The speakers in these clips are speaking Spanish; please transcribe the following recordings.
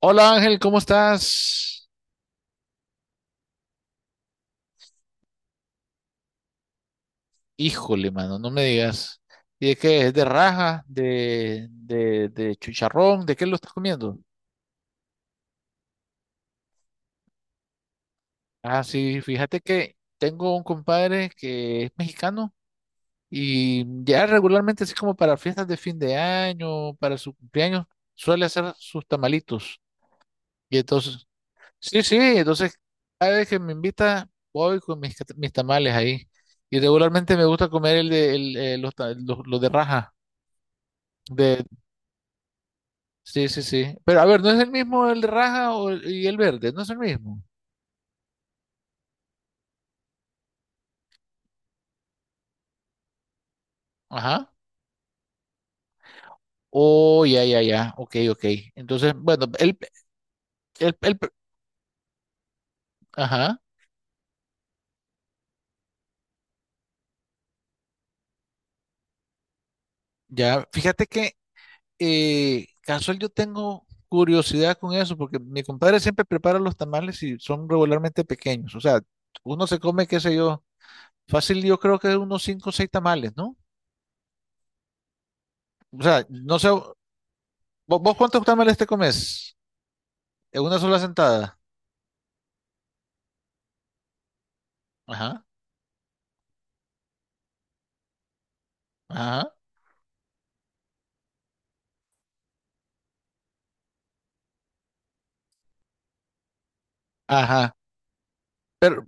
Hola Ángel, ¿cómo estás? Híjole, mano, no me digas. ¿Y de qué? ¿Es de raja? ¿¿De chicharrón? ¿De qué lo estás comiendo? Ah, sí, fíjate que tengo un compadre que es mexicano y ya regularmente, así como para fiestas de fin de año, para su cumpleaños, suele hacer sus tamalitos. Y entonces, sí, entonces cada vez que me invita, voy con mis, mis tamales ahí. Y regularmente me gusta comer el de el, los, los de raja. Sí, sí, sí. Pero a ver, ¿no es el mismo el raja o y el verde? ¿No es el mismo? Ajá. Oh, ya, ya, ya. Ok, ok. Entonces, bueno, el, el- ajá. Ya, fíjate que casual yo tengo curiosidad con eso, porque mi compadre siempre prepara los tamales y son regularmente pequeños. O sea, uno se come, qué sé yo, fácil, yo creo que unos cinco o seis tamales, ¿no? O sea, no sé, ¿vos, cuántos tamales te comes? En una sola sentada. Ajá, ajá, ajá. Pero,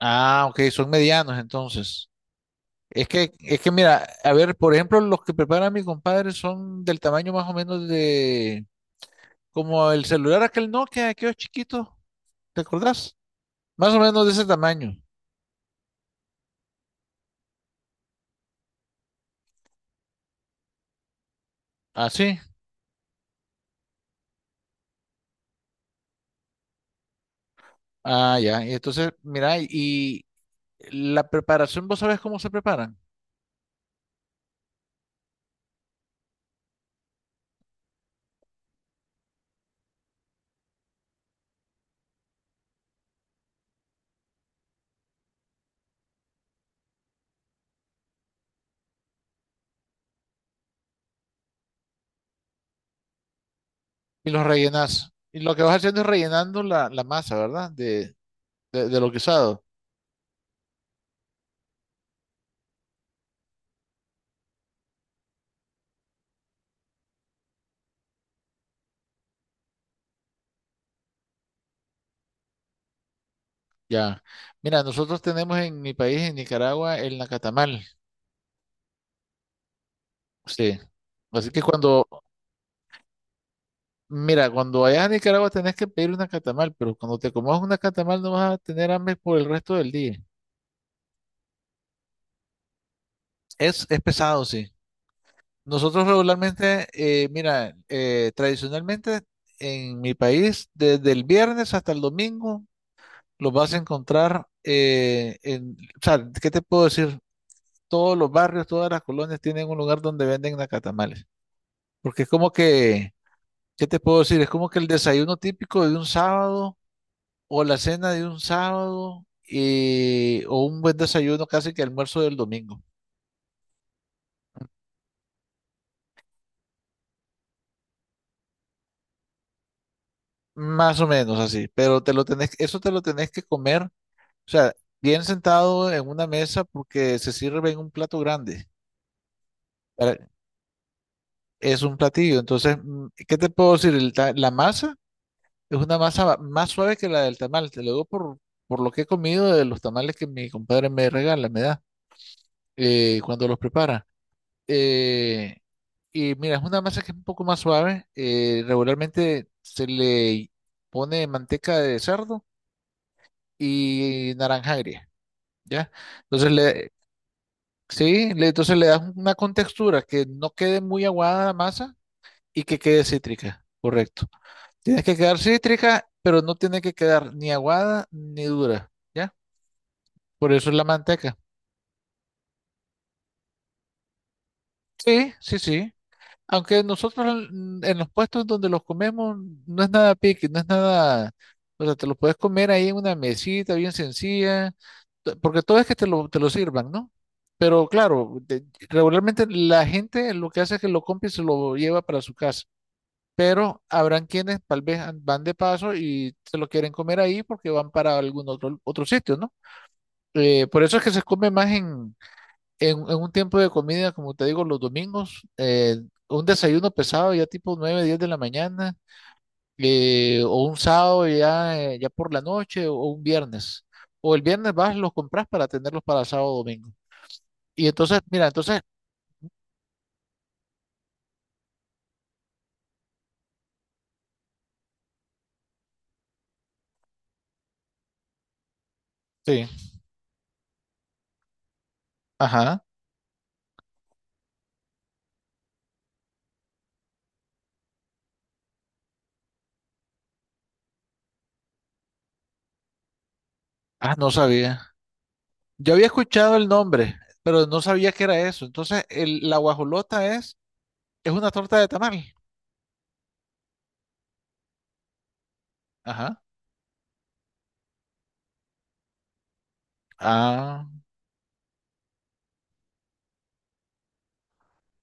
ah, ok, son medianos entonces. Es que mira, a ver, por ejemplo, los que prepara mi compadre son del tamaño más o menos de, como el celular aquel Nokia, aquellos chiquitos, ¿te acordás? Más o menos de ese tamaño. Ah, sí. Ah, ya. Y entonces, mira, y la preparación, vos sabés cómo se preparan. Y los rellenás. Y lo que vas haciendo es rellenando la, la masa, ¿verdad? De, de lo guisado. Ya. Mira, nosotros tenemos en mi país, en Nicaragua, el nacatamal. Sí. Así que cuando, mira, cuando vayas a Nicaragua tenés que pedir una catamal, pero cuando te comas una catamal no vas a tener hambre por el resto del día. Es pesado, sí. Nosotros regularmente, mira, tradicionalmente en mi país, desde el viernes hasta el domingo, los vas a encontrar en, o sea, ¿qué te puedo decir? Todos los barrios, todas las colonias tienen un lugar donde venden nacatamales. Porque es como que, ¿qué te puedo decir? Es como que el desayuno típico de un sábado o la cena de un sábado, o un buen desayuno casi que almuerzo del domingo. Más o menos así, pero te lo tenés, eso te lo tenés que comer, o sea, bien sentado en una mesa porque se sirve en un plato grande. para- Es un platillo. Entonces, ¿qué te puedo decir? La masa es una masa más suave que la del tamal, te lo digo por lo que he comido de los tamales que mi compadre me regala, me da, cuando los prepara. Eh, y mira, es una masa que es un poco más suave. Regularmente se le pone manteca de cerdo y naranja agria, ¿ya? Entonces le, sí, entonces le das una contextura que no quede muy aguada la masa y que quede cítrica, correcto. Tiene que quedar cítrica, pero no tiene que quedar ni aguada ni dura, ¿ya? Por eso es la manteca. Sí, sí, sí. Aunque nosotros en los puestos donde los comemos no es nada pique, no es nada, o sea, te lo puedes comer ahí en una mesita bien sencilla, porque todo es que te lo sirvan, ¿no? Pero claro, regularmente la gente lo que hace es que lo compra y se lo lleva para su casa, pero habrán quienes tal vez van de paso y se lo quieren comer ahí porque van para algún otro, otro sitio, ¿no? Por eso es que se come más en un tiempo de comida, como te digo, los domingos, un desayuno pesado ya tipo 9-10 de la mañana, o un sábado ya, ya por la noche, o un viernes. O el viernes vas, los compras para tenerlos para sábado o domingo. Y entonces, mira, entonces, sí, ajá, ah, no sabía. Yo había escuchado el nombre, pero no sabía que era eso. Entonces, el, la guajolota es una torta de tamal. Ajá. Ah,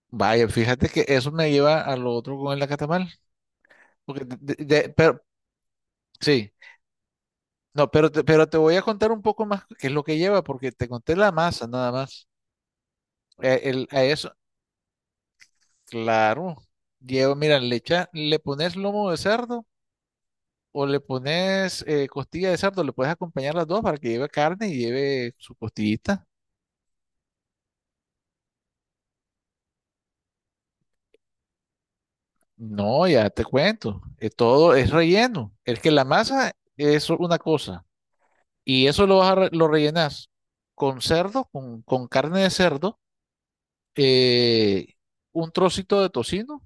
vaya, fíjate que eso me lleva a lo otro con el acatamal. Porque pero, sí, no, pero te voy a contar un poco más qué es lo que lleva, porque te conté la masa nada más. A eso, claro, lleva, mira, le pones lomo de cerdo o le pones, costilla de cerdo, le puedes acompañar las dos para que lleve carne y lleve su costillita. No, ya te cuento, todo es relleno. Es que la masa es una cosa y eso lo, lo rellenas con cerdo, con carne de cerdo, eh, un trocito de tocino.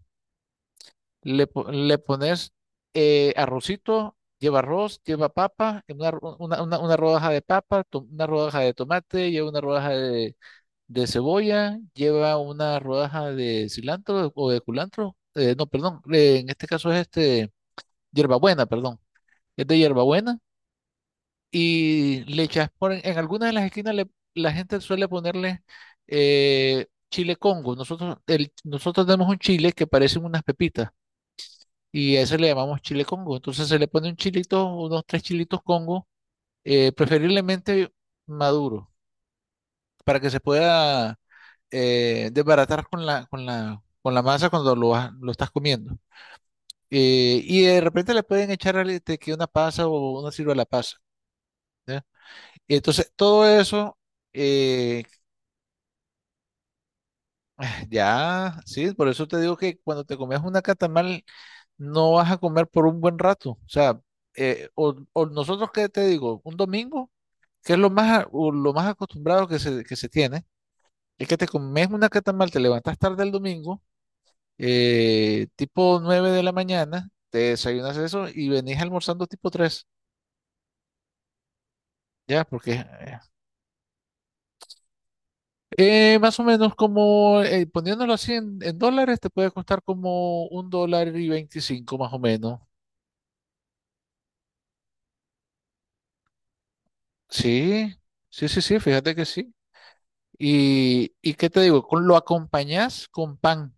Le, le pones, arrocito, lleva arroz, lleva papa, en una, una, una rodaja de papa, una rodaja de tomate, lleva una rodaja de cebolla, lleva una rodaja de cilantro o de culantro. No, perdón, en este caso es este, hierbabuena, perdón, es de hierbabuena. Y le echas por en algunas de las esquinas, la gente suele ponerle, chile Congo. Nosotros, el, nosotros tenemos un chile que parecen unas pepitas y a ese le llamamos chile Congo. Entonces se le pone un chilito, unos tres chilitos Congo, preferiblemente maduro, para que se pueda, desbaratar con la, con la, con la masa cuando lo, lo estás comiendo. Y de repente le pueden echar este, que una pasa o una sirva la pasa. ¿Ya? Y entonces todo eso, eh, ya, sí, por eso te digo que cuando te comes una catamal no vas a comer por un buen rato. O sea, o nosotros, ¿qué te digo? Un domingo que es lo más, o lo más acostumbrado que se tiene, es que te comes una catamal, te levantas tarde el domingo, tipo 9 de la mañana, te desayunas eso y venís almorzando tipo 3 ya, porque más o menos como, poniéndolo así en dólares, te puede costar como $1.25 más o menos. Sí, sí, sí, sí, fíjate que sí. Y qué te digo, con, lo acompañás con pan.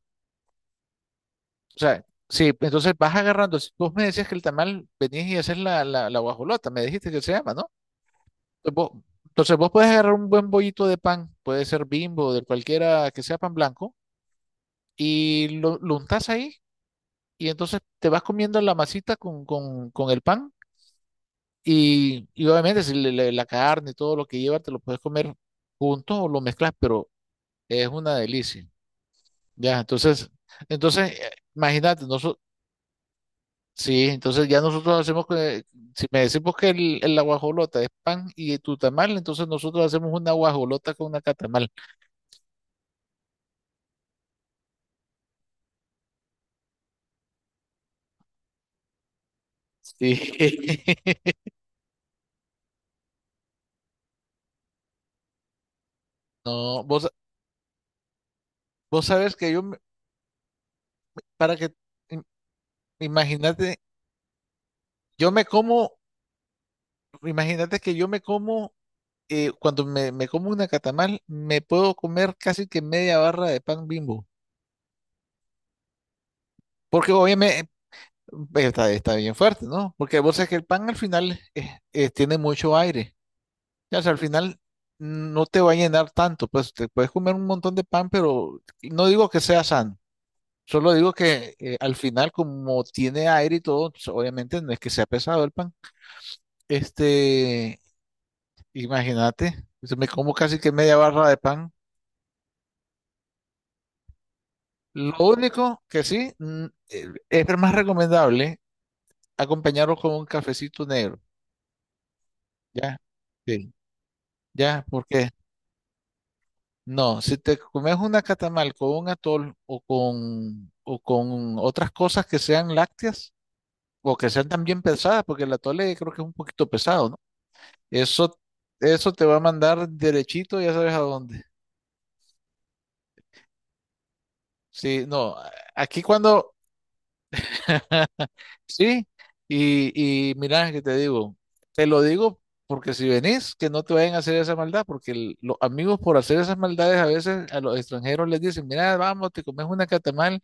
O sea, sí, entonces vas agarrando. Si vos me decías que el tamal venís y haces la, la, la guajolota, me dijiste que se llama, ¿no? Entonces vos puedes agarrar un buen bollito de pan, puede ser Bimbo, de cualquiera que sea pan blanco, y lo untás ahí, y entonces te vas comiendo la masita con el pan, y obviamente si la carne y todo lo que lleva te lo puedes comer junto o lo mezclas, pero es una delicia. Ya, entonces, entonces, imagínate, sí, entonces ya nosotros hacemos, si me decimos que el, la guajolota es pan y tu tamal, entonces nosotros hacemos una guajolota con una catamal. Sí. No, vos, vos sabes que yo, para que, im- imagínate, yo me como, imagínate que yo me como, cuando me como una catamal, me puedo comer casi que media barra de pan Bimbo. Porque obviamente, está, está bien fuerte, ¿no? Porque vos sabés que el pan al final, tiene mucho aire. Ya, o sea, al final no te va a llenar tanto, pues te puedes comer un montón de pan, pero no digo que sea sano, solo digo que, al final como tiene aire y todo, pues, obviamente no es que sea pesado el pan. Este, imagínate, yo me como casi que media barra de pan. Lo único que sí, es más recomendable acompañarlo con un cafecito negro, ya, sí, ya, porque no, si te comes una catamal con un atol o con otras cosas que sean lácteas o que sean también pesadas, porque el atole creo que es un poquito pesado, ¿no? Eso, eso te va a mandar derechito, ya sabes a dónde. Sí, no, aquí cuando, sí, y mira que te digo, te lo digo porque si venís, que no te vayan a hacer esa maldad, porque los amigos por hacer esas maldades a veces a los extranjeros les dicen, mira, vamos, te comes una catamal.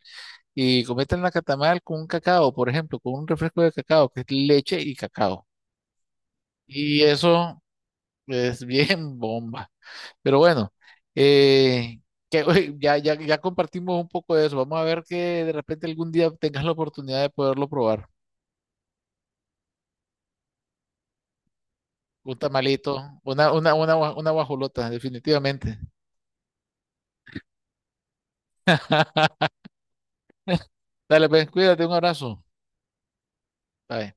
Y cometen la catamal con un cacao, por ejemplo, con un refresco de cacao, que es leche y cacao. Y eso es bien bomba. Pero bueno, eh, que, oye, ya, ya, ya compartimos un poco de eso. Vamos a ver que de repente algún día tengas la oportunidad de poderlo probar. Un tamalito, una, una guajolota, definitivamente. Dale, pues, cuídate, un abrazo. Bye.